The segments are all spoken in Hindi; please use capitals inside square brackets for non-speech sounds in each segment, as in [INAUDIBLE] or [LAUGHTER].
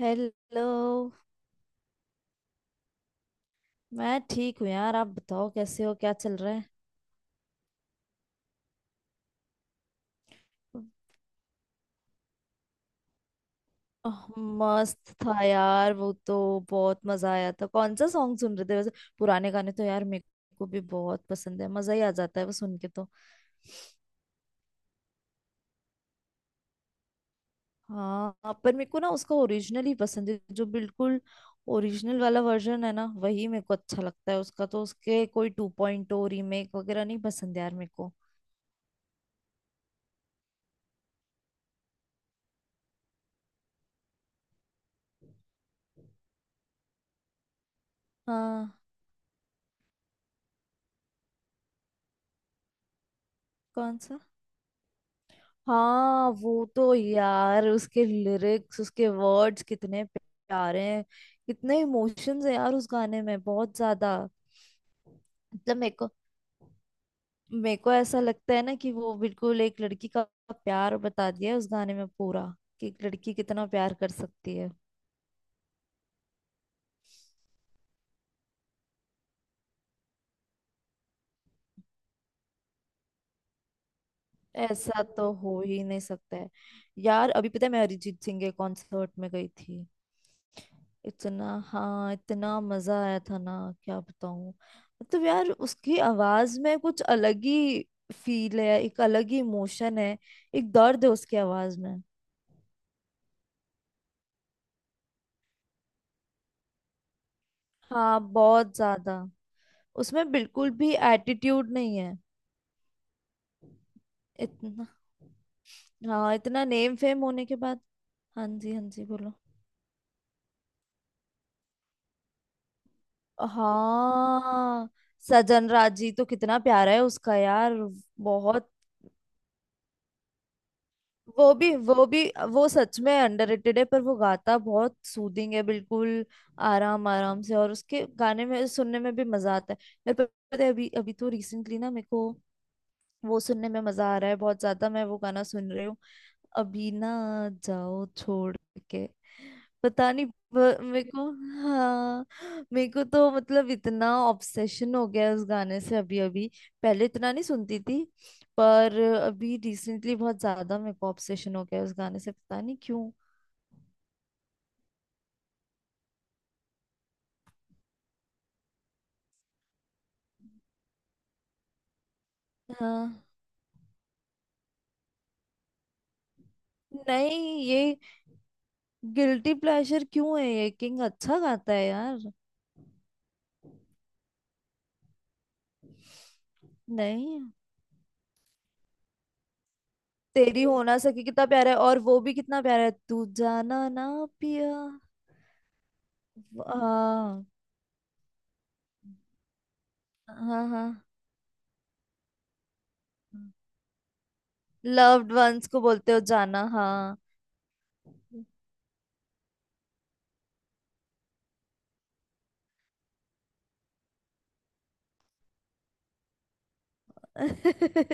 हेलो। मैं ठीक हूँ यार, आप बताओ कैसे हो, क्या चल रहा है? मस्त था यार वो तो। बहुत मजा आया था। कौन सा सॉन्ग सुन रहे थे वैसे? पुराने गाने तो यार मेरे को भी बहुत पसंद है, मजा ही आ जाता है वो सुन के तो। हाँ, पर मेरे को ना उसका ओरिजिनल ही पसंद है, जो बिल्कुल ओरिजिनल वाला वर्जन है ना, वही मेरे को अच्छा लगता है उसका। तो उसके कोई टू पॉइंट रीमेक वगैरह नहीं पसंद यार मेरे को। हाँ। कौन सा? हाँ, वो तो यार उसके लिरिक्स, उसके वर्ड्स कितने प्यारे हैं। कितने इमोशंस है यार उस गाने में, बहुत ज्यादा। मतलब मेरे को ऐसा लगता है ना कि वो बिल्कुल एक लड़की का प्यार बता दिया है उस गाने में पूरा, कि एक लड़की कितना प्यार कर सकती है। ऐसा तो हो ही नहीं सकता है। यार अभी पता है मैं अरिजीत सिंह के कॉन्सर्ट में गई थी। इतना, हाँ, इतना मजा आया था ना, क्या बताऊं। मतलब यार उसकी आवाज में कुछ अलग ही फील है, एक अलग ही इमोशन है, एक दर्द है उसकी आवाज में। हाँ, बहुत ज्यादा। उसमें बिल्कुल भी एटीट्यूड नहीं है। इतना। हाँ, इतना नेम फेम होने के बाद। हाँ जी, हाँ जी बोलो। हाँ, सजन राजी तो कितना प्यारा है उसका यार। बहुत। वो भी वो सच में अंडररेटेड है, पर वो गाता बहुत सूदिंग है, बिल्कुल आराम आराम से। और उसके गाने में सुनने में भी मजा आता है मेरे को। पता है अभी अभी तो रिसेंटली ना मेरे को वो सुनने में मजा आ रहा है बहुत ज्यादा। मैं वो गाना सुन रही हूँ। अभी ना, जाओ छोड़ के। पता नहीं। मेरे को, हाँ, मेरे को तो मतलब इतना ऑब्सेशन हो गया है उस गाने से। अभी अभी पहले इतना नहीं सुनती थी, पर अभी रिसेंटली बहुत ज्यादा मेरे को ऑब्सेशन हो गया है उस गाने से, पता नहीं क्यों। हाँ। नहीं, ये गिल्टी प्लेजर क्यों है? ये किंग अच्छा गाता है यार। नहीं, तेरी हो ना सके कितना प्यारा है, और वो भी कितना प्यारा है तू जाना ना पिया। हाँ, हाँ, हाँ। लव्ड वंस को बोलते हो जाना, हाँ। [LAUGHS]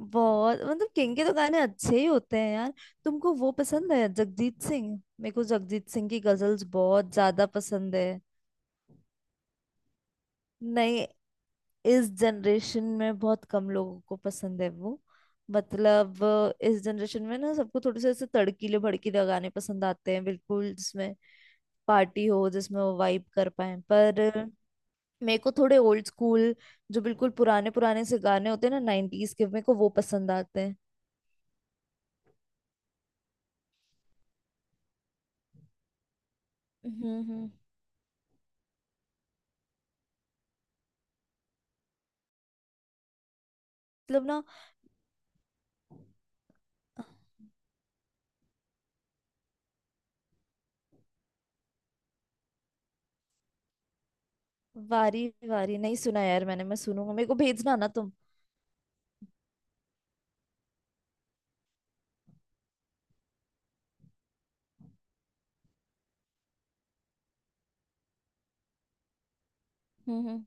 बहुत मतलब किंग के तो गाने अच्छे ही होते हैं यार। तुमको वो पसंद है जगजीत सिंह? मेरे को जगजीत सिंह की गजल्स बहुत ज्यादा पसंद है। नहीं, इस जनरेशन में बहुत कम लोगों को पसंद है वो। मतलब इस जनरेशन में ना सबको थोड़े से ऐसे तड़कीले भड़कीले गाने पसंद आते हैं, बिल्कुल जिसमें पार्टी हो, जिसमें वो वाइब कर पाए। पर मेरे को थोड़े ओल्ड स्कूल, जो बिल्कुल पुराने पुराने से गाने होते हैं ना, नाइनटीज के, मेरे को वो पसंद आते हैं। हम्म। मतलब ना, वारी वारी नहीं सुना यार, मैं सुनूंगा, मेरे को भेजना ना तुम। हम्म हम्म।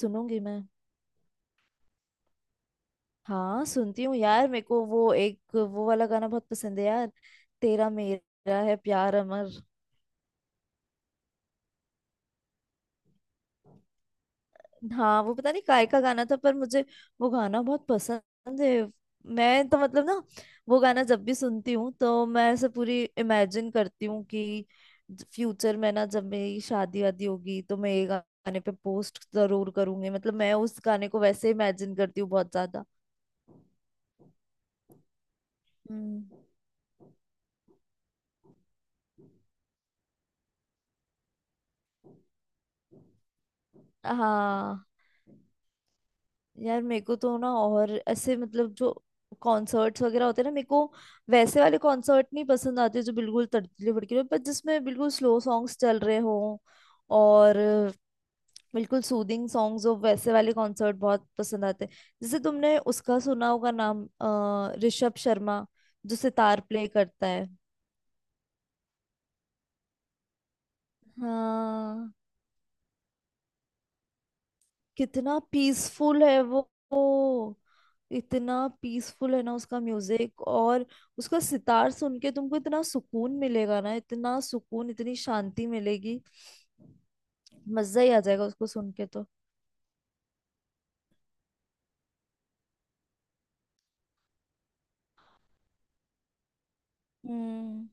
सुनूंगी मैं। हाँ सुनती हूँ यार, मेरे को वो एक वो वाला गाना बहुत पसंद है यार, तेरा मेरा है प्यार अमर। हाँ वो पता नहीं काय का गाना था पर मुझे वो गाना बहुत पसंद है। मैं तो मतलब ना, वो गाना जब भी सुनती हूँ तो मैं ऐसे पूरी इमेजिन करती हूँ कि फ्यूचर में ना जब मेरी शादी वादी होगी तो मैं ये गाने पे पोस्ट जरूर करूंगी, मतलब मैं उस गाने को वैसे इमेजिन करती हूँ बहुत ज्यादा। हम्म। हाँ यार मेरे को तो ना, और ऐसे मतलब जो कॉन्सर्ट्स वगैरह होते हैं ना, मेरे को वैसे वाले कॉन्सर्ट नहीं पसंद आते जो बिल्कुल तड़कले भड़कले हो, पर जिसमें बिल्कुल स्लो सॉन्ग्स चल रहे हों और बिल्कुल सूदिंग सॉन्ग्स हो, वैसे वाले कॉन्सर्ट बहुत पसंद आते हैं। जैसे तुमने उसका सुना होगा नाम, ऋषभ शर्मा, जो सितार प्ले करता है। हाँ, कितना पीसफुल है वो। वो इतना पीसफुल है ना उसका म्यूजिक। और उसका सितार सुन के तुमको इतना सुकून मिलेगा ना, इतना सुकून, इतनी शांति मिलेगी। मजा ही आ जाएगा उसको सुन के तो। हम्म।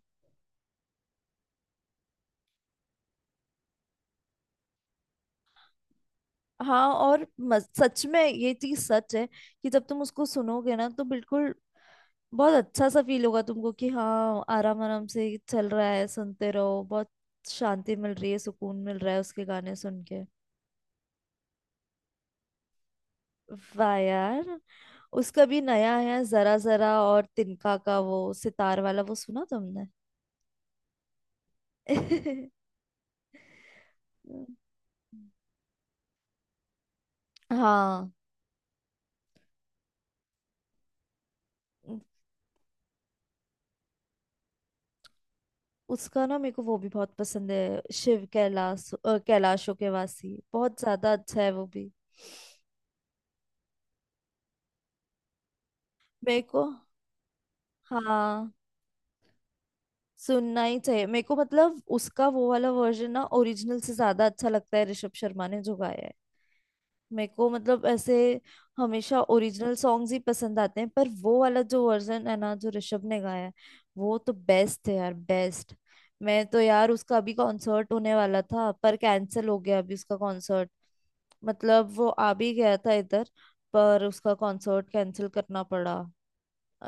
हाँ और सच में ये चीज सच है कि जब तुम उसको सुनोगे ना तो बिल्कुल बहुत अच्छा सा फील होगा तुमको कि हाँ, आराम आराम से चल रहा है, सुनते रहो। बहुत शांति मिल रही है, सुकून मिल रहा है उसके गाने सुन के। वाह यार। उसका भी नया है जरा जरा और तिनका का वो सितार वाला, वो सुना तुमने? [LAUGHS] हाँ। उ- उसका ना मेरे को वो भी बहुत पसंद है, शिव कैलाश, कैलाशो के वासी, बहुत ज्यादा अच्छा है वो भी। मेरे को, हाँ, सुनना ही चाहिए मेरे को। मतलब उसका वो वाला वर्जन ना ओरिजिनल से ज्यादा अच्छा लगता है, ऋषभ शर्मा ने जो गाया है। मेरे को मतलब ऐसे हमेशा ओरिजिनल सॉन्ग्स ही पसंद आते हैं, पर वो वाला जो वर्जन है ना, जो ऋषभ ने गाया है, वो तो बेस्ट है यार, बेस्ट। मैं तो यार उसका अभी कॉन्सर्ट होने वाला था, पर कैंसिल हो गया अभी उसका कॉन्सर्ट। मतलब वो आ भी गया था इधर, पर उसका कॉन्सर्ट कैंसिल करना पड़ा।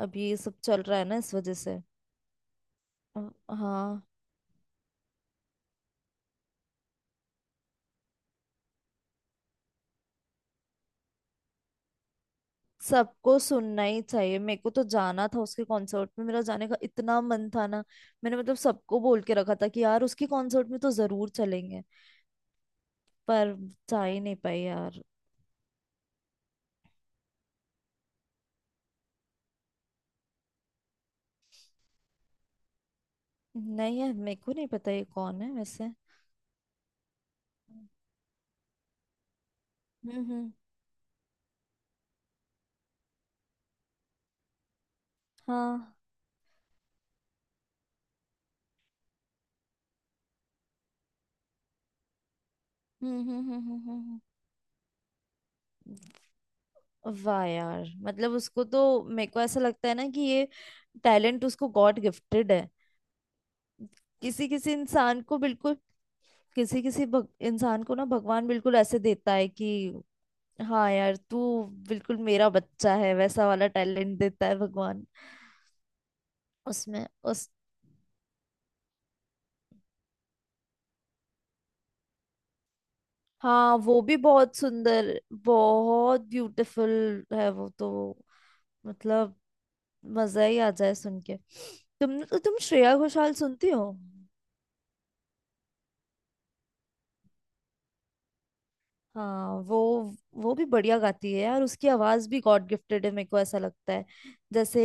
अभी ये सब चल रहा है ना, इस वजह से। अ, हाँ, सबको सुनना ही चाहिए। मेरे को तो जाना था उसके कॉन्सर्ट में, मेरा जाने का इतना मन था ना। मैंने मतलब सबको बोल के रखा था कि यार उसके कॉन्सर्ट में तो जरूर चलेंगे, पर जा ही नहीं पाई यार। नहीं है, मेरे को नहीं पता ये कौन है वैसे। हम्म हम्म। हाँ। हम्म हम्म हम्म हम्म हम्म, वाह यार, मतलब उसको तो मेरे को ऐसा लगता है ना कि ये टैलेंट उसको गॉड गिफ्टेड है। किसी किसी इंसान को बिल्कुल, किसी किसी इंसान को ना भगवान बिल्कुल ऐसे देता है कि हाँ यार तू बिल्कुल मेरा बच्चा है, वैसा वाला टैलेंट देता है भगवान। उसमें उस हाँ, वो भी बहुत सुंदर, बहुत ब्यूटीफुल है वो तो। मतलब मजा ही आ जाए सुन के। तुम श्रेया घोषाल सुनती हो? हाँ, वो भी बढ़िया गाती है यार, उसकी आवाज भी गॉड गिफ्टेड है मेरे को ऐसा लगता है। जैसे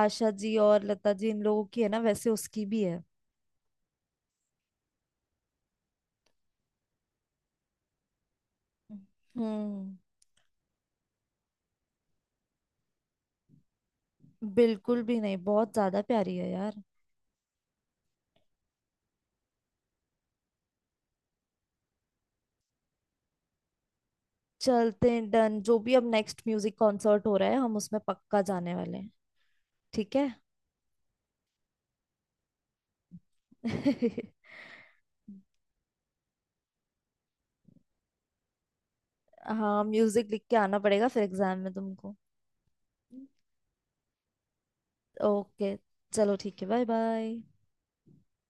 आशा जी और लता जी इन लोगों की है ना, वैसे उसकी भी है। हम्म, बिल्कुल भी नहीं, बहुत ज्यादा प्यारी है यार। चलते हैं डन, जो भी अब नेक्स्ट म्यूजिक कॉन्सर्ट हो रहा है हम उसमें पक्का जाने वाले हैं। ठीक है। [LAUGHS] हाँ, म्यूजिक लिख के आना पड़ेगा फिर एग्जाम में तुमको। ओके, चलो ठीक है, बाय बाय।